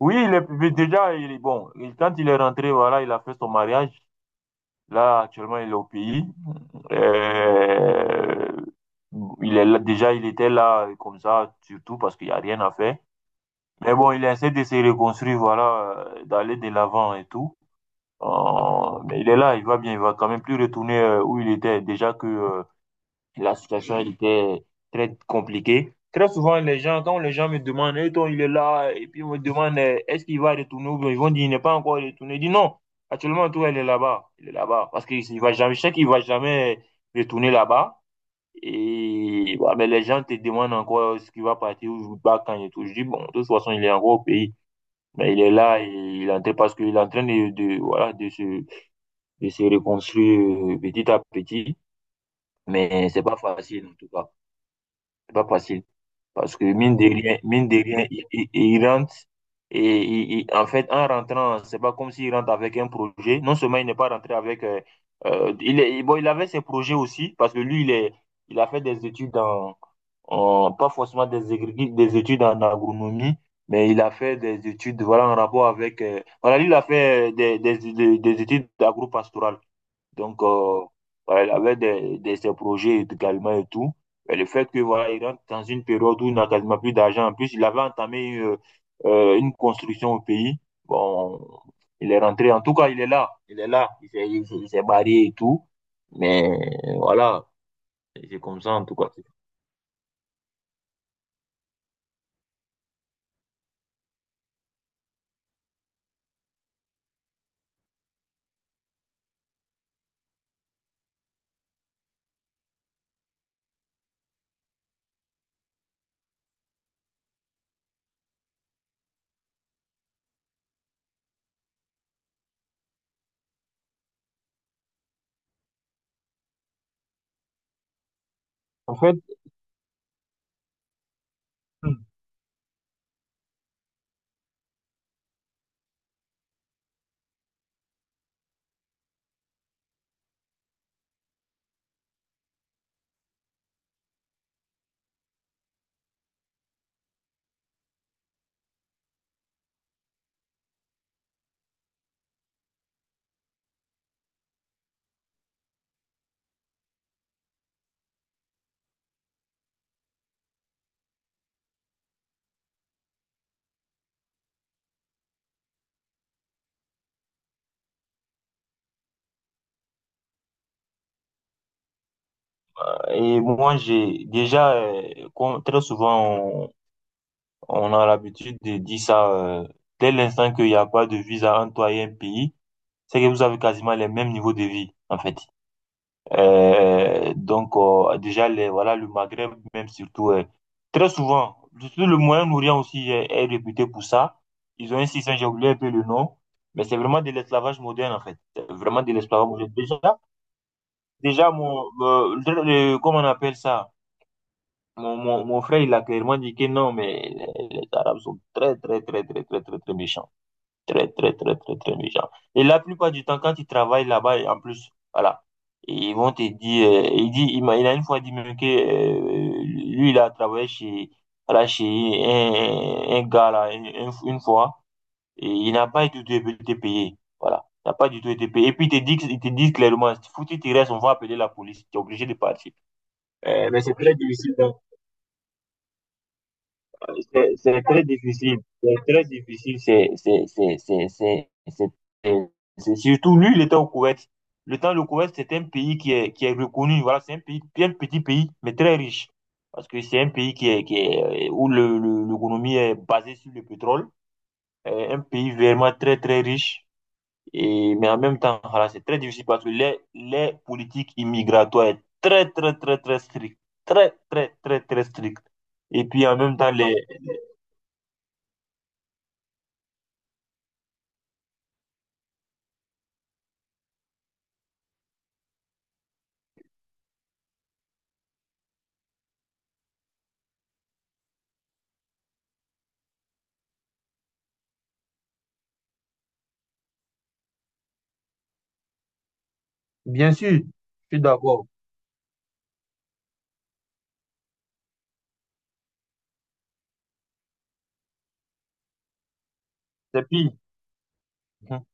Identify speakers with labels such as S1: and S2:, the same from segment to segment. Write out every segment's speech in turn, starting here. S1: Oui, il est, mais déjà, il est bon. Quand il est rentré, voilà, il a fait son mariage. Là, actuellement, il est au pays. Euh, déjà, il était là comme ça, surtout parce qu'il n'y a rien à faire. Mais bon, il essaie de se reconstruire, voilà, d'aller de l'avant et tout. Mais il est là, il va bien, il va quand même plus retourner où il était. Déjà que la situation, elle était très compliquée. Très souvent, quand les gens me demandent, Eh, toi, il est là, et puis on me demandent Eh, est-ce qu'il va retourner ou bien ils vont dire, il n'est pas encore retourné. Je dis non, actuellement, toi, il est là-bas. Il est là-bas. Parce qu'il il va jamais, je sais qu'il va jamais retourner là-bas. Et ouais, mais les gens te demandent encore ce qu'il va partir ou pas quand et tout. Je dis, bon, de toute façon, il est encore au pays. Mais il est là, et il est en train- parce qu'il est en train voilà, de se reconstruire petit à petit. Mais c'est pas facile, en tout cas. C'est pas facile. Parce que mine de rien, il rentre et en fait, en rentrant, c'est pas comme s'il rentre avec un projet. Non seulement il n'est pas rentré avec. Il est, bon, il avait ses projets aussi parce que lui, il est, il a fait des études pas forcément des, des études en agronomie, mais il a fait des études voilà, en rapport avec... voilà, lui, il a fait des études d'agro-pastoral. Donc, euh, voilà, il avait ses projets également et tout. Et le fait que, voilà, il rentre dans une période où il n'a quasiment plus d'argent. En plus, il avait entamé une construction au pays. Bon, il est rentré. En tout cas, il est là. Il est là. Il s'est barré et tout. Mais voilà, c'est comme ça, en tout cas. En fait, et moi, j'ai déjà, comme très souvent, on, on a l'habitude de dire ça, dès l'instant qu'il n'y a pas de visa entre toi et un pays, c'est que vous avez quasiment les mêmes niveaux de vie, en fait. Déjà, voilà, le Maghreb, même surtout, très souvent, surtout le Moyen-Orient aussi est, est réputé pour ça. Ils ont un système, j'ai oublié un peu le nom, mais c'est vraiment de l'esclavage moderne, en fait. C'est vraiment de l'esclavage moderne. Déjà, comment on appelle ça? Mon frère, il a clairement dit que non, mais les Arabes sont très, très, très, très, très, très, très méchants. Très, très, très, très, très méchants. Et la plupart du temps, quand ils travaillent là-bas, et en plus, voilà, ils vont te dire, il dit, il a une fois dit même que, lui, il a travaillé chez, voilà, chez un gars, là, une fois, et il n'a pas du tout été payé. Voilà. Il n'a pas du tout été payé. Et puis, il te dit clairement, foutu, tu restes, on va appeler la police. Tu es obligé de partir. Mais c'est très difficile. C'est très difficile. C'est très difficile. C'est- c'est- Surtout lui, il était au Koweït. Le temps, le Koweït, c'est un pays qui est reconnu. Voilà, c'est un pays, bien petit pays, mais très riche. Parce que c'est un pays qui est, où l'économie est basée sur le pétrole. Un pays vraiment très, très riche. Et, mais en même temps, voilà, c'est très difficile parce que les politiques immigratoires est très, très, très, très strict. Très, très, très, très strict. Et puis en même temps, bien sûr, je suis d'accord. C'est pire. Mhm.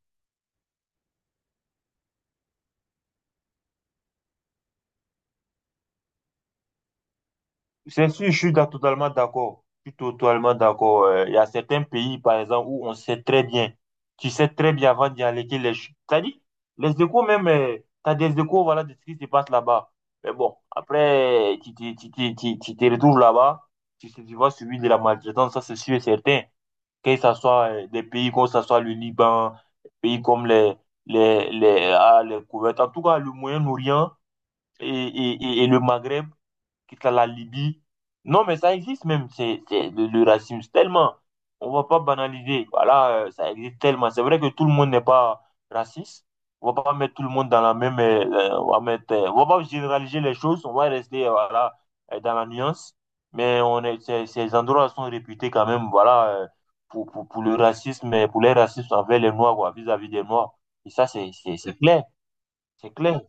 S1: C'est sûr, je suis da- Totalement d'accord. Je suis totalement d'accord. Il y a certains pays, par exemple, où on sait très bien. Tu sais très bien avant d'y aller que t'as dit, les échos même, tu as des échos, voilà, de ce qui se passe là-bas. Mais bon, après, tu te retrouves là-bas, tu, sais, tu vas subir de la maltraitance, ça c'est sûr et certain. Que ce soit des pays comme ça soit le Liban, des pays comme les Koweït, en tout cas le Moyen-Orient. Et et le Maghreb, quitte à la Libye. Non, mais ça existe même, c'est le racisme, tellement. On va pas banaliser. Voilà, ça existe tellement. C'est vrai que tout le monde n'est pas raciste. On va pas mettre tout le monde dans la même. On va mettre, on va pas généraliser les choses. On va rester voilà, dans la nuance. Mais on est, ces endroits sont réputés quand même, voilà, pour le racisme, et pour les racistes envers les Noirs, quoi, vis-à-vis des Noirs. Et ça, c'est clair. C'est clair.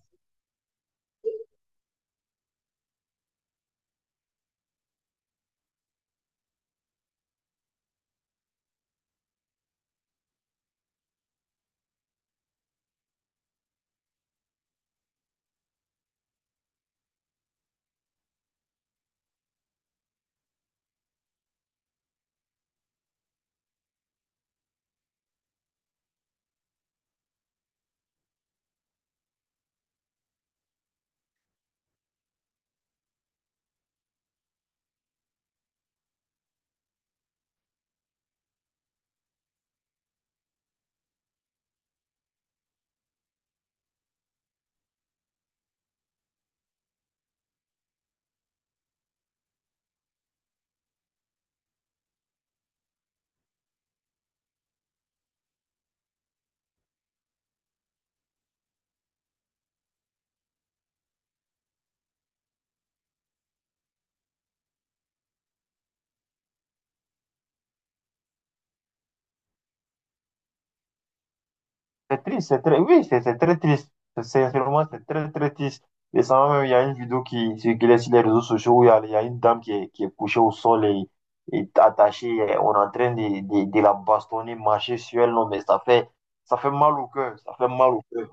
S1: C'est triste, c'est très, oui, c'est très triste. Vraiment c'est très très triste. Et ça même, il y a une vidéo qui circulait sur les réseaux sociaux où il y a une dame qui est couchée au sol et attachée. Et on est en train de la bastonner, marcher sur elle. Non, mais ça fait mal au cœur. Ça fait mal au cœur.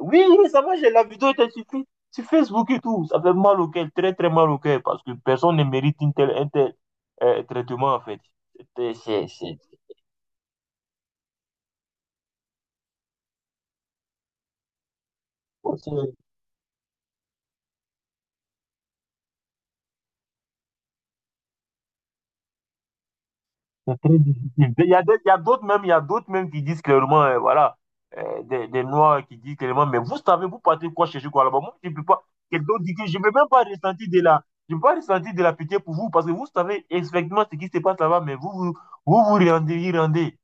S1: Oui, oui, ça va, j'ai la vidéo était sur, sur Facebook et tout. Ça fait mal au cœur, très très mal au cœur parce que personne ne mérite une telle un tel, traitement en fait. C'était- C'est c'est- C'est très difficile. Il y a d'autres même, il y a d'autres même qui disent clairement, voilà, des Noirs qui disent clairement, mais vous savez, vous partez quoi chercher quoi là-bas? Moi, je ne peux pas. Quelqu'un dit que je ne peux même pas ressentir de la, je peux pas ressentir de la pitié pour vous parce que vous savez exactement ce qui se passe là-bas, mais vous rendez, y rendez.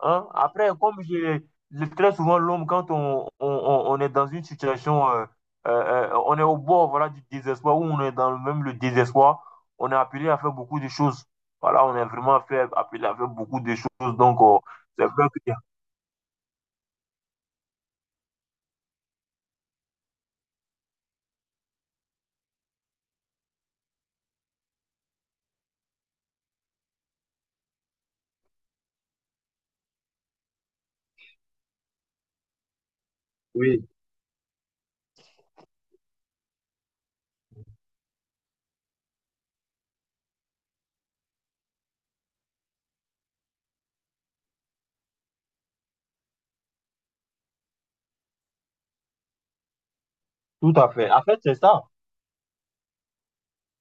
S1: Hein? Après, très souvent, l'homme, quand on est dans une situation, euh, on est au bord voilà, du désespoir, ou on est dans même le désespoir, on est appelé à faire beaucoup de choses. Voilà, on est vraiment fait- appelé à faire beaucoup de choses. C'est vrai que... Oui, tout à fait. En fait, c'est ça.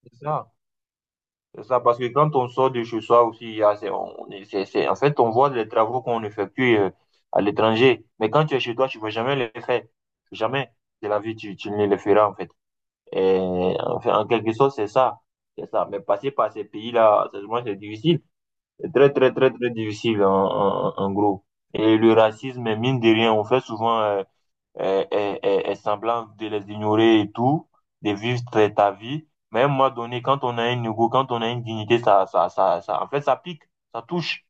S1: C'est ça. C'est ça, parce que quand on sort de chez soi aussi, il y a- c'est, on en fait, on voit les travaux qu'on effectue à l'étranger. Mais quand tu es chez toi, tu ne vas jamais les faire. Jamais de la vie, tu ne les feras, en fait. Et, enfin, en quelque sorte, c'est ça. C'est ça. Mais passer par ces pays-là, franchement, c'est difficile. C'est très, très, très, très difficile, en gros. Et le racisme, mine de rien, on fait souvent semblant de les ignorer et tout, de vivre très ta vie. Mais à un moment donné, quand on a un ego, quand on a une dignité, ça, en fait, ça pique, ça touche.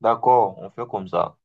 S1: D'accord, on fait comme ça.